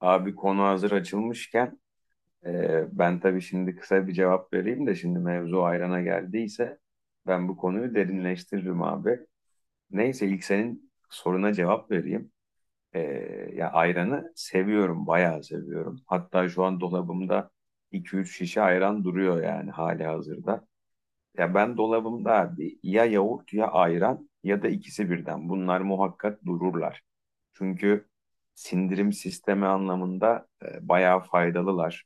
Abi konu hazır açılmışken, ben tabii şimdi kısa bir cevap vereyim de şimdi mevzu ayrana geldiyse ben bu konuyu derinleştiririm abi. Neyse ilk senin soruna cevap vereyim. E, Ya ayranı seviyorum, bayağı seviyorum. Hatta şu an dolabımda iki üç şişe ayran duruyor yani hali hazırda. Ya ben dolabımda abi ya yoğurt ya ayran ya da ikisi birden. Bunlar muhakkak dururlar. Çünkü sindirim sistemi anlamında bayağı faydalılar.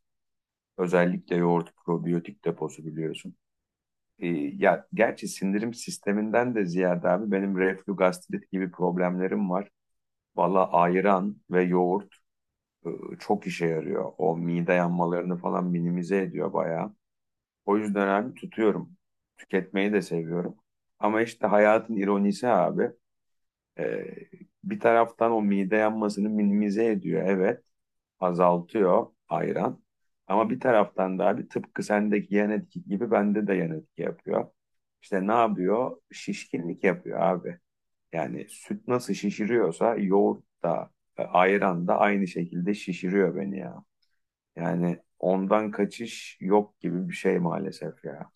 Özellikle yoğurt probiyotik deposu biliyorsun. E, Ya gerçi sindirim sisteminden de ziyade abi benim reflü gastrit gibi problemlerim var. Valla ayran ve yoğurt e, çok işe yarıyor. O mide yanmalarını falan minimize ediyor bayağı. O yüzden abi tutuyorum. Tüketmeyi de seviyorum. Ama işte hayatın ironisi abi. e, Bir taraftan o mide yanmasını minimize ediyor. Evet. Azaltıyor ayran. Ama bir taraftan da abi tıpkı sendeki yan etki gibi bende de yan etki yapıyor. İşte ne yapıyor? Şişkinlik yapıyor abi. Yani süt nasıl şişiriyorsa yoğurt da ayran da aynı şekilde şişiriyor beni ya. Yani ondan kaçış yok gibi bir şey maalesef ya.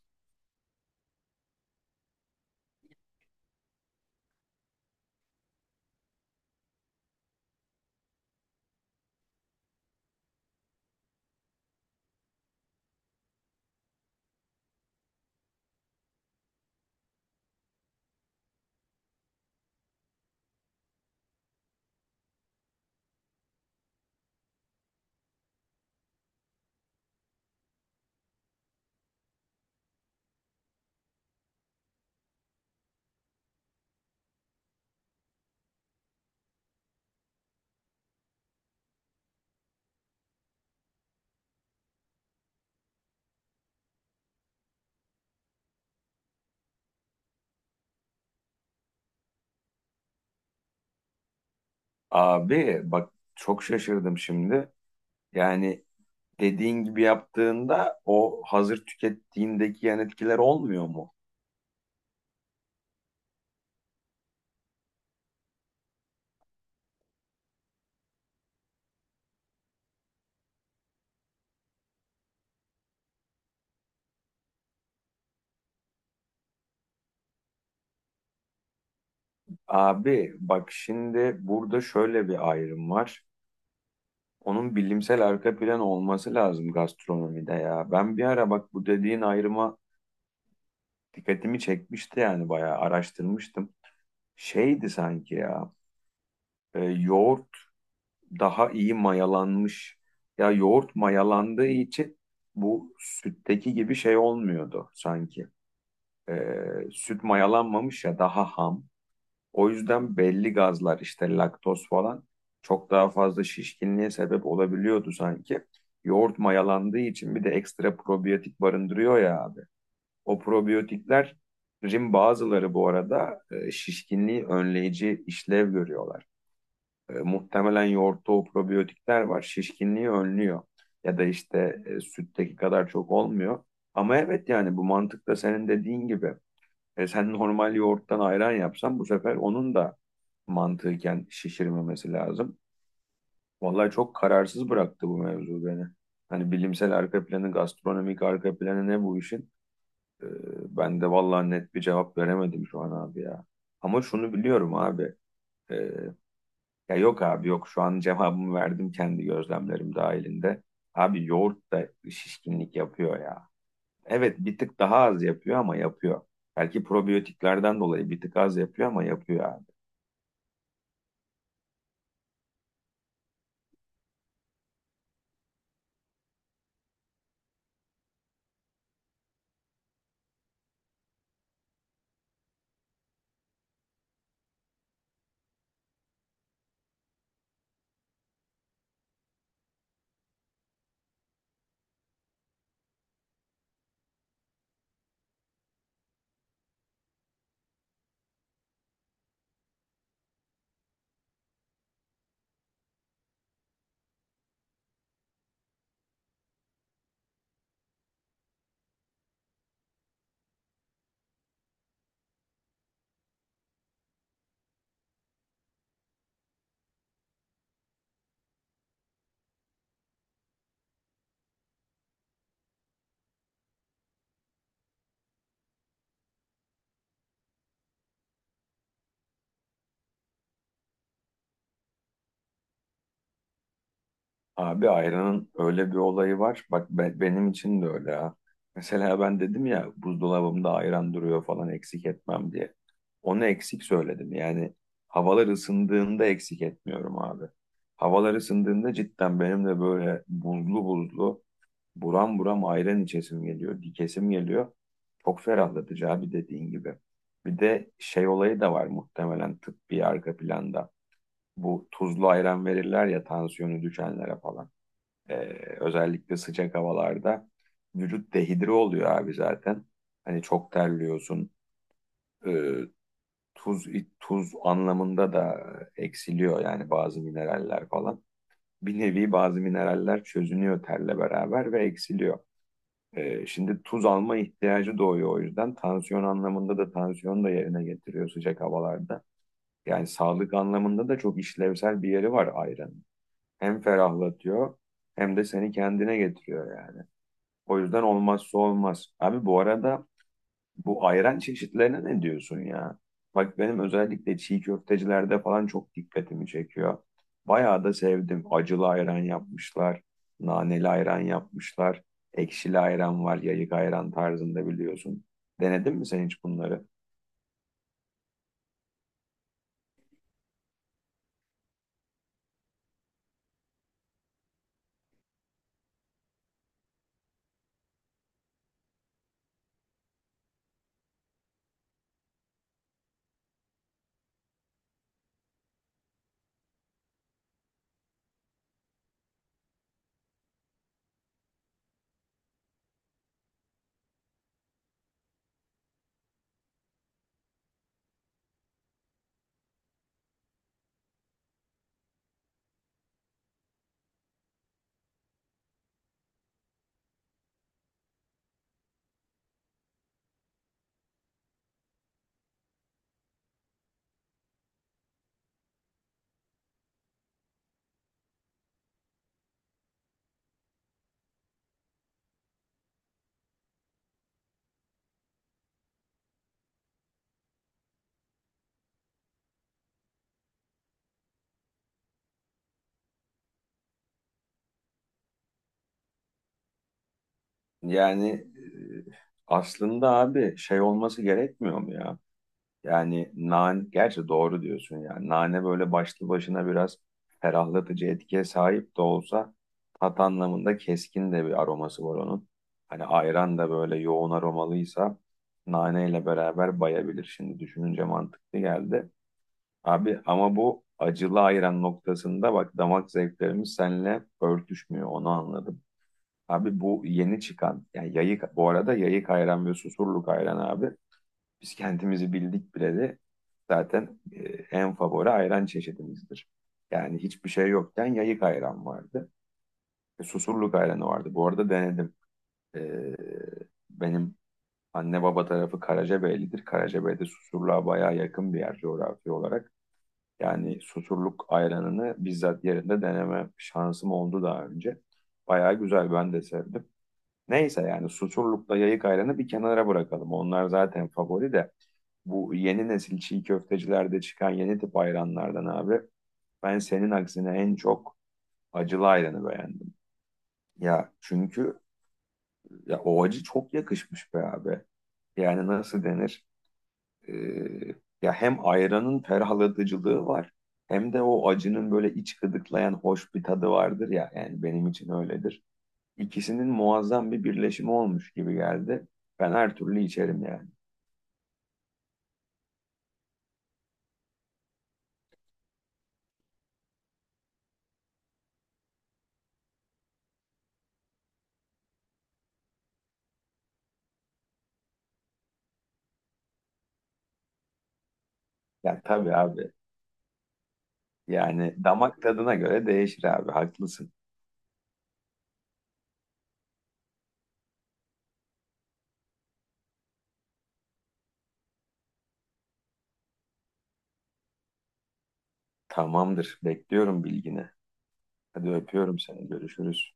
Abi bak çok şaşırdım şimdi. Yani dediğin gibi yaptığında o hazır tükettiğindeki yan etkiler olmuyor mu? Abi bak şimdi burada şöyle bir ayrım var. Onun bilimsel arka planı olması lazım gastronomide ya. Ben bir ara bak bu dediğin ayrıma dikkatimi çekmişti yani bayağı araştırmıştım. Şeydi sanki ya yoğurt daha iyi mayalanmış. Ya yoğurt mayalandığı için bu sütteki gibi şey olmuyordu sanki. Süt mayalanmamış ya daha ham. O yüzden belli gazlar işte laktoz falan çok daha fazla şişkinliğe sebep olabiliyordu sanki. Yoğurt mayalandığı için bir de ekstra probiyotik barındırıyor ya abi. O probiyotiklerin bazıları bu arada şişkinliği önleyici işlev görüyorlar. Muhtemelen yoğurtta o probiyotikler var. Şişkinliği önlüyor. Ya da işte sütteki kadar çok olmuyor. Ama evet yani bu mantıkla senin dediğin gibi. Sen normal yoğurttan ayran yapsan bu sefer onun da mantıken şişirmemesi lazım. Vallahi çok kararsız bıraktı bu mevzu beni. Hani bilimsel arka planı, gastronomik arka planı ne bu işin? E, Ben de vallahi net bir cevap veremedim şu an abi ya. Ama şunu biliyorum abi. ee, Ya yok abi, yok, şu an cevabımı verdim kendi gözlemlerim dahilinde. Abi yoğurt da şişkinlik yapıyor ya. Evet, bir tık daha az yapıyor ama yapıyor. Belki probiyotiklerden dolayı bir tık az yapıyor ama yapıyor abi. Abi ayranın öyle bir olayı var. Bak benim için de öyle ha. Mesela ben dedim ya buzdolabımda ayran duruyor falan eksik etmem diye. Onu eksik söyledim. Yani havalar ısındığında eksik etmiyorum abi. Havalar ısındığında cidden benim de böyle buzlu buzlu, buram buram ayran içesim geliyor, dikesim geliyor. Çok ferahlatıcı abi, dediğin gibi. Bir de şey olayı da var muhtemelen tıbbi arka planda. Bu tuzlu ayran verirler ya tansiyonu düşenlere falan. Ee, Özellikle sıcak havalarda vücut dehidre oluyor abi zaten. Hani çok terliyorsun. Ee, tuz tuz anlamında da eksiliyor yani bazı mineraller falan. Bir nevi bazı mineraller çözünüyor terle beraber ve eksiliyor. Şimdi tuz alma ihtiyacı doğuyor o yüzden. Tansiyon anlamında da tansiyonu da yerine getiriyor sıcak havalarda. Yani sağlık anlamında da çok işlevsel bir yeri var ayranın. Hem ferahlatıyor hem de seni kendine getiriyor yani. O yüzden olmazsa olmaz. Abi bu arada bu ayran çeşitlerine ne diyorsun ya? Bak benim özellikle çiğ köftecilerde falan çok dikkatimi çekiyor. Bayağı da sevdim. Acılı ayran yapmışlar, naneli ayran yapmışlar, ekşili ayran var, yayık ayran tarzında biliyorsun. Denedin mi sen hiç bunları? Yani aslında abi şey olması gerekmiyor mu ya? Yani nane, gerçi doğru diyorsun yani. Nane böyle başlı başına biraz ferahlatıcı etkiye sahip de olsa tat anlamında keskin de bir aroması var onun. Hani ayran da böyle yoğun aromalıysa naneyle beraber bayabilir. Şimdi düşününce mantıklı geldi. Abi ama bu acılı ayran noktasında bak damak zevklerimiz seninle örtüşmüyor, onu anladım. Abi bu yeni çıkan yani yayık, bu arada yayık ayran ve susurluk ayran abi biz kendimizi bildik bileli zaten en favori ayran çeşidimizdir. Yani hiçbir şey yokken yayık ayran vardı. Susurluk ayranı vardı. Bu arada denedim. E, Benim anne baba tarafı Karacabeylidir. Karacabey'de Susurluğa bayağı yakın bir yer coğrafi olarak. Yani Susurluk ayranını bizzat yerinde deneme şansım oldu daha önce. Bayağı güzel, ben de sevdim. Neyse yani Susurluk'la Yayık Ayran'ı bir kenara bırakalım. Onlar zaten favori de. Bu yeni nesil çiğ köftecilerde çıkan yeni tip ayranlardan abi ben senin aksine en çok acılı ayranı beğendim. Ya çünkü ya o acı çok yakışmış be abi. Yani nasıl denir? Ee, Ya hem ayranın ferahlatıcılığı var hem de o acının böyle iç gıdıklayan hoş bir tadı vardır ya. Yani benim için öyledir. İkisinin muazzam bir birleşimi olmuş gibi geldi. Ben her türlü içerim yani. Ya tabii abi. Yani damak tadına göre değişir abi. Haklısın. Tamamdır. Bekliyorum bilgini. Hadi öpüyorum seni. Görüşürüz.